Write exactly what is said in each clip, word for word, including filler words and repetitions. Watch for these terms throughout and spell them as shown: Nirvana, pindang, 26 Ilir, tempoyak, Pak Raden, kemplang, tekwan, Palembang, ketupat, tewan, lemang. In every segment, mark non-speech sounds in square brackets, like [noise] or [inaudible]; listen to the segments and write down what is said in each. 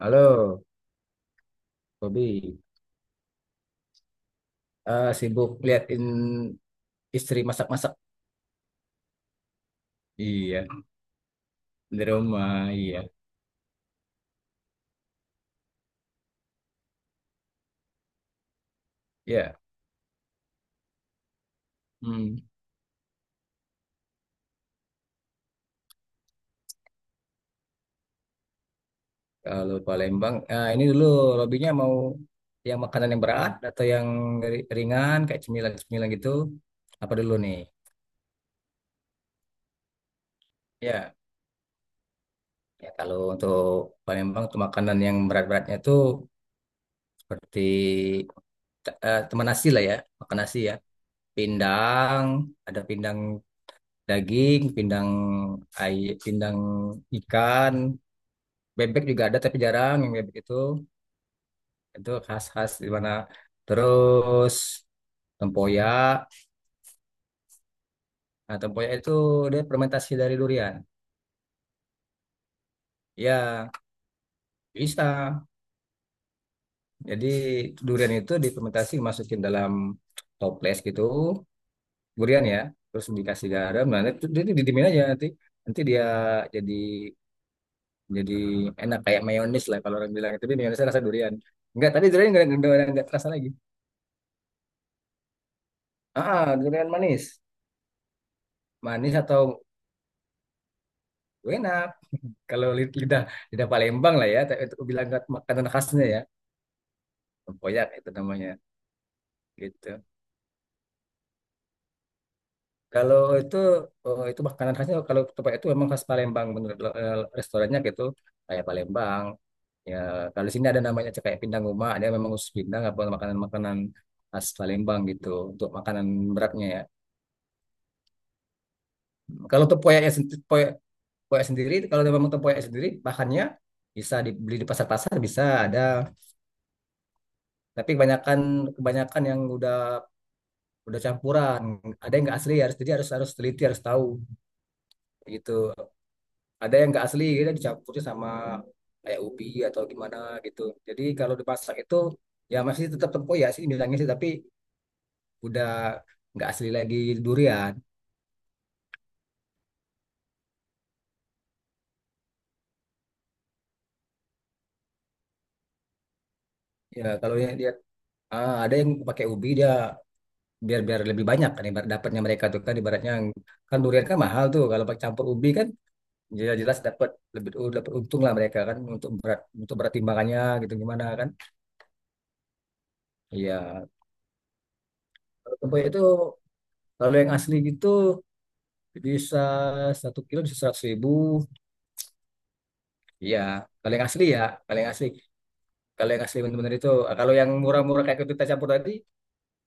Halo, Bobby. Eh, sibuk liatin istri masak-masak. Iya, di rumah. Iya, ya. Hmm. Kalau Palembang, eh, ini dulu lobbynya mau yang makanan yang berat atau yang ri- ringan kayak cemilan-cemilan gitu. Apa dulu nih? Ya, ya, kalau untuk Palembang tuh makanan yang berat-beratnya tuh seperti te- eh, teman nasi lah ya, makan nasi ya. Pindang, ada pindang daging, pindang ay, pindang ikan, bebek juga ada tapi jarang yang bebek itu. Itu khas-khas di mana. Terus tempoyak. Nah, tempoyak itu dia fermentasi dari durian. Ya, bisa. Jadi durian itu difermentasi masukin dalam toples gitu, durian ya. Terus dikasih garam, nah itu jadi didimin aja nanti nanti dia jadi jadi enak kayak mayonis lah kalau orang bilang, tapi mayonisnya rasa durian enggak, tadi durian enggak enggak enggak, enggak terasa lagi. Ah durian manis, manis atau enak kalau lid- lidah lidah Palembang lah ya, tapi itu bilang makanan khasnya ya, tempoyak itu namanya gitu. Kalau itu, oh, itu makanan khasnya kalau tempat itu memang khas Palembang menurut, eh, restorannya gitu, kayak Palembang ya. Kalau di sini ada namanya kayak pindang rumah, dia memang khusus pindang apa makanan-makanan khas Palembang gitu, untuk makanan beratnya ya. Kalau tepoyaknya sendiri, tepoyak sendiri, kalau memang tepoyak sendiri, bahannya bisa dibeli di pasar-pasar, bisa ada. Tapi kebanyakan kebanyakan yang udah udah campuran. Ada yang nggak asli, harus jadi harus harus teliti, harus tahu gitu. Ada yang nggak asli, dia dicampurnya sama kayak ubi atau gimana gitu. Jadi kalau dipasak itu ya masih tetap tempoyak sih bilangnya sih, tapi udah nggak asli lagi durian. Ya kalau yang dia, ah, ada yang pakai ubi dia, biar biar lebih banyak kan. Ibarat dapatnya mereka tuh kan, ibaratnya kan durian kan mahal tuh, kalau pakai campur ubi kan jelas, jelas dapat lebih. Oh, dapat untung lah mereka kan, untuk berat, untuk berat timbangannya gitu gimana kan. Iya, kalau tempoyak itu kalau yang asli gitu bisa satu kilo bisa seratus ribu. Iya, kalau yang asli ya, kalau yang asli, kalau yang asli benar-benar itu. Ah, kalau yang murah-murah kayak kita campur tadi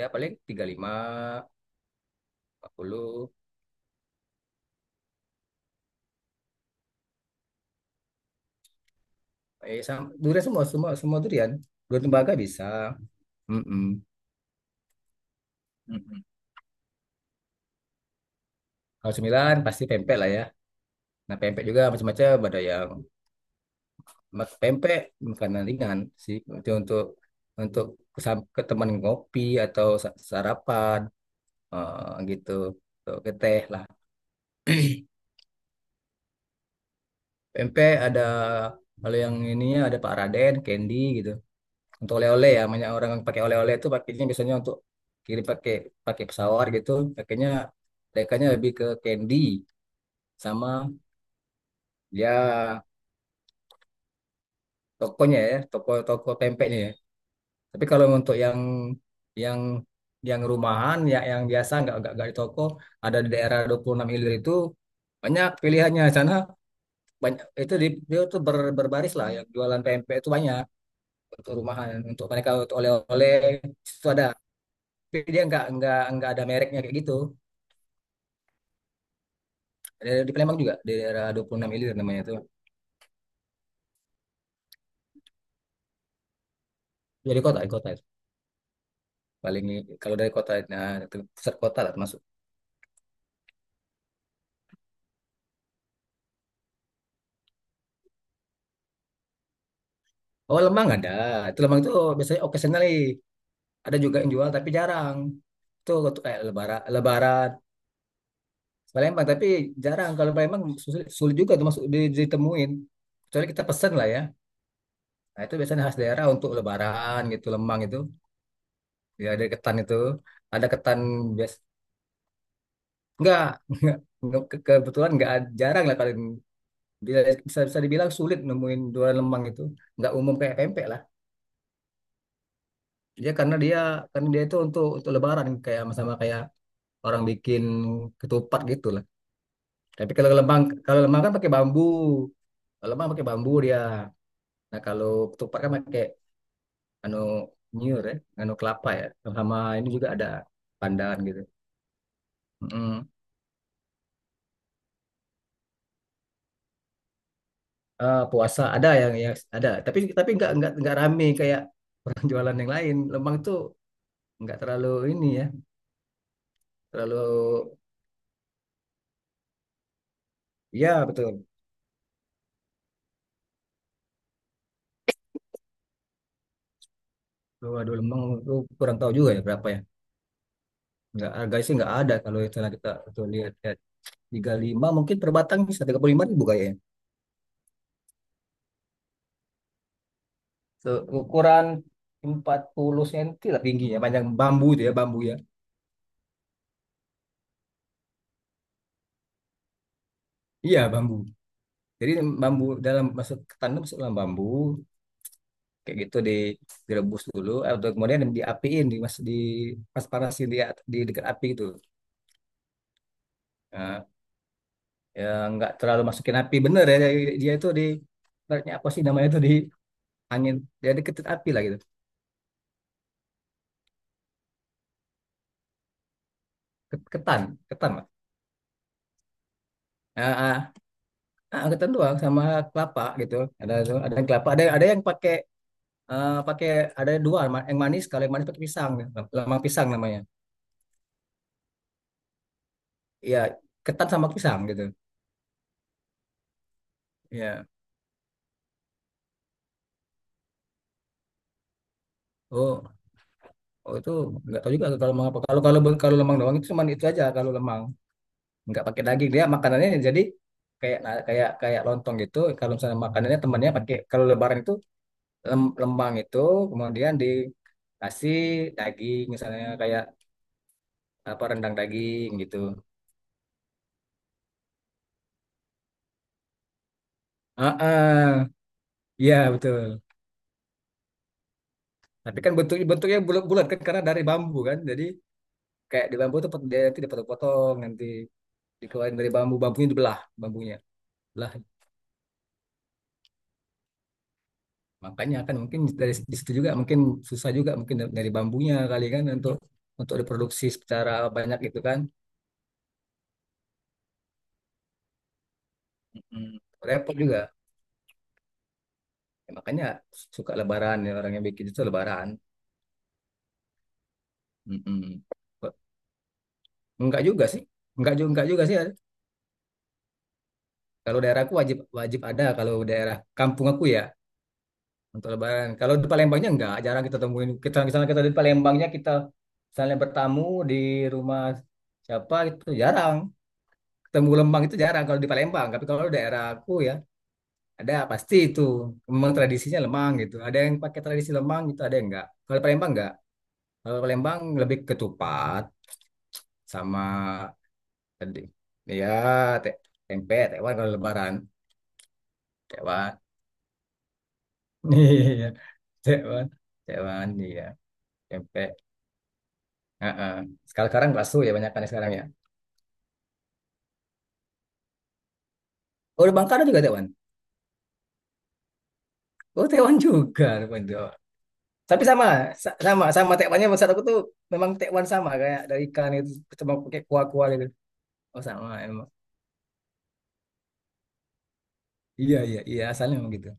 ya paling tiga puluh lima, empat puluh. Eh sama, durian semua, semua, semua durian, durian tembaga bisa. Mm-mm. Mm-mm. Kalau cemilan pasti pempek lah ya. Nah, pempek juga macam-macam. Ada yang mak- pempek, makanan ringan sih. Itu untuk, untuk kesam sam- ke teman ngopi atau sa- sarapan, eh, gitu. Tuh, ke teh lah. [clears throat] Pempek ada, kalau yang ininya ada Pak Raden, Candy gitu. Untuk oleh-oleh ya, banyak orang yang pakai oleh-oleh itu pakainya biasanya untuk kirim, pakai pakai pesawat gitu. Pakainya mereka lebih ke Candy, sama ya, tokonya ya, toko-toko pempeknya ya. Tapi kalau untuk yang yang yang rumahan ya, yang biasa nggak nggak nggak di toko, ada di daerah dua puluh enam Ilir itu, banyak pilihannya di sana, banyak itu. Di dia tuh ber, berbaris lah yang jualan pempek itu banyak, untuk rumahan, untuk mereka untuk oleh-oleh itu ada, tapi dia nggak nggak nggak ada mereknya kayak gitu. Ada di Palembang juga, di daerah dua puluh enam Ilir namanya itu. Dari kota, di kota itu paling, kalau dari kota, nah itu pusat kota lah masuk. Oh, Lembang ada. Itu Lembang itu biasanya occasionally ada juga yang jual tapi jarang. Itu let- eh, lebaran lebaran Palembang. Tapi jarang kalau Palembang, sulit, sulit juga tuh masuk, di- ditemuin, kecuali kita pesen lah ya. Nah, itu biasanya khas daerah untuk lebaran gitu, lemang itu ya, ada ketan itu, ada ketan, bias enggak. [laughs] enggak enggak, ke- kebetulan enggak, ad- jarang lah. Kalau bisa, bisa bisa dibilang sulit nemuin jualan lemang itu, enggak umum kayak pempek lah. Dia karena dia, karena dia itu untuk, untuk lebaran, kayak sama kayak orang bikin ketupat gitu lah. Tapi kalau lembang, kalau lembang kan pakai bambu. Kalau lembang pakai bambu dia. Nah, kalau ketupat kan pakai anu, nyur ya, anu, kelapa ya. Sama ini juga ada pandan gitu. Mm-mm. Ah, puasa ada yang, yang ada, tapi tapi nggak nggak nggak rame kayak orang [laughs] jualan yang lain. Lembang itu nggak terlalu ini ya, terlalu, ya betul. Waduh, lembang itu kurang tahu juga ya berapa ya. Nggak harga sih, nggak ada. Kalau misalnya kita, kita lihat lihat tiga puluh lima, mungkin per batang bisa tiga puluh lima ribu kayaknya. Ukuran empat puluh cm lah tingginya, panjang bambu itu ya, bambu ya. Iya, bambu. Jadi bambu dalam masuk ke tanam, masuk dalam bambu kayak gitu, di direbus dulu atau kemudian diapiin di mas, di pas panasin di at- di dekat api itu. Nah, ya nggak terlalu masukin api bener ya, dia dia itu di, ibaratnya apa sih namanya itu di angin, jadi ketut api lah gitu. Ket- Ketan, ketan lah. Ah, ah, ah, Ketan doang sama kelapa gitu. Ada ada yang kelapa, ada ada yang pakai, eh pakai, ada dua ma- yang manis. Kalau yang manis pakai pisang ya, lemang pisang namanya. Iya, ketan sama pisang gitu. Iya. Oh, oh, itu nggak tahu juga kalau lemang apa, kalau, kalau kalau lemang doang itu cuma itu aja. Kalau lemang nggak pakai daging dia, makanannya jadi kayak, nah, kayak kayak lontong gitu. Kalau misalnya makanannya temannya pakai, kalau lebaran itu lem- lemang itu kemudian dikasih daging, misalnya kayak apa, rendang daging gitu. Ah, ah. Iya, betul. Tapi kan bentuk bentuknya bulat-bulat kan karena dari bambu kan. Jadi kayak di bambu tuh, pot- dia nanti dipotong-potong, nanti dikeluarin dari bambu bambunya, dibelah bambunya, belah. Makanya kan mungkin dari di situ juga mungkin susah juga, mungkin da- dari bambunya kali kan, untuk, untuk diproduksi secara banyak gitu kan. Mm-mm. Repot juga. Ya, makanya suka lebaran ya orang yang bikin itu, lebaran. Mm-mm. Enggak juga sih, enggak juga, enggak juga sih. Kalau daerahku wajib, wajib ada kalau daerah kampung aku ya. Untuk Lebaran. Kalau di Palembangnya enggak, jarang kita temuin. Kita misalnya, kita di Palembangnya, kita misalnya bertamu di rumah siapa, itu jarang. Ketemu lemang itu jarang kalau di Palembang. Tapi kalau daerah aku ya ada pasti itu. Memang tradisinya lemang gitu. Ada yang pakai tradisi lemang gitu, ada yang enggak. Kalau di Palembang enggak. Kalau di Palembang lebih ketupat, sama tadi ya, te- tempe, tewan kalau Lebaran. Tewan. [laughs] Iya, tewan. Tewan, iya. Tempe. Heeh. Sekarang sekarang bakso ya banyak kan sekarang ya. Oh, di Bangka juga tewan. Oh, tewan juga rupanya. Tapi sama, sa- sama, sama tekwannya, maksud aku tuh memang tekwan sama, kayak dari ikan itu, cuma pakai kuah-kuah gitu. Oh, sama emang. Iya, iya, iya, asalnya memang gitu.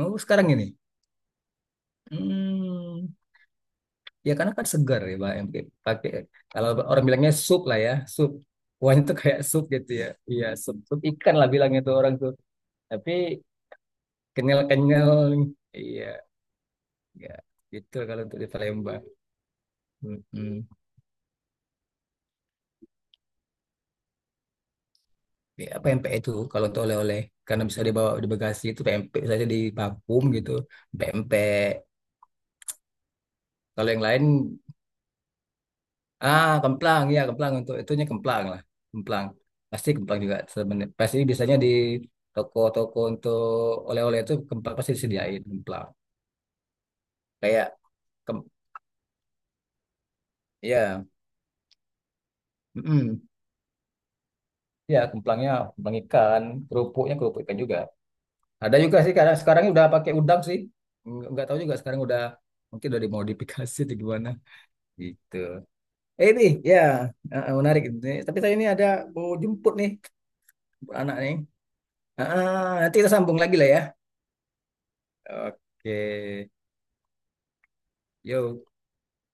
Oh, sekarang ini. Hmm, ya karena kan segar ya, Pak, yang pakai, pakai kalau orang bilangnya sup lah ya, sup. Kuahnya tuh kayak sup gitu ya. Iya, sup, sup ikan lah bilangnya tuh orang tuh. Tapi kenyal-kenyal. Iya, ya. Gitu kalau untuk di Palembang. Mm-mm. Ya, P M P E itu kalau untuk oleh-oleh karena bisa dibawa di bagasi, itu P M P saja di vakum gitu. P M P kalau yang lain, ah, kemplang ya, kemplang untuk itunya, kemplang lah, kemplang pasti. Kemplang juga sebenarnya pasti, biasanya di toko-toko untuk oleh-oleh itu kemplang pasti disediain kemplang, kayak kem ya. Mm-mm. Ya kemplangnya kemplang ikan, kerupuknya kerupuk ikan juga. Ada juga sih karena sekarang udah pakai udang sih, nggak nggak tahu juga, sekarang udah, mungkin udah dimodifikasi atau gimana. Gitu. Eh ini ya, eh, eh, menarik itu. Tapi saya ini ada mau jemput nih anak nih. Ah, ah, nanti kita sambung lagi lah ya. Oke. Yo.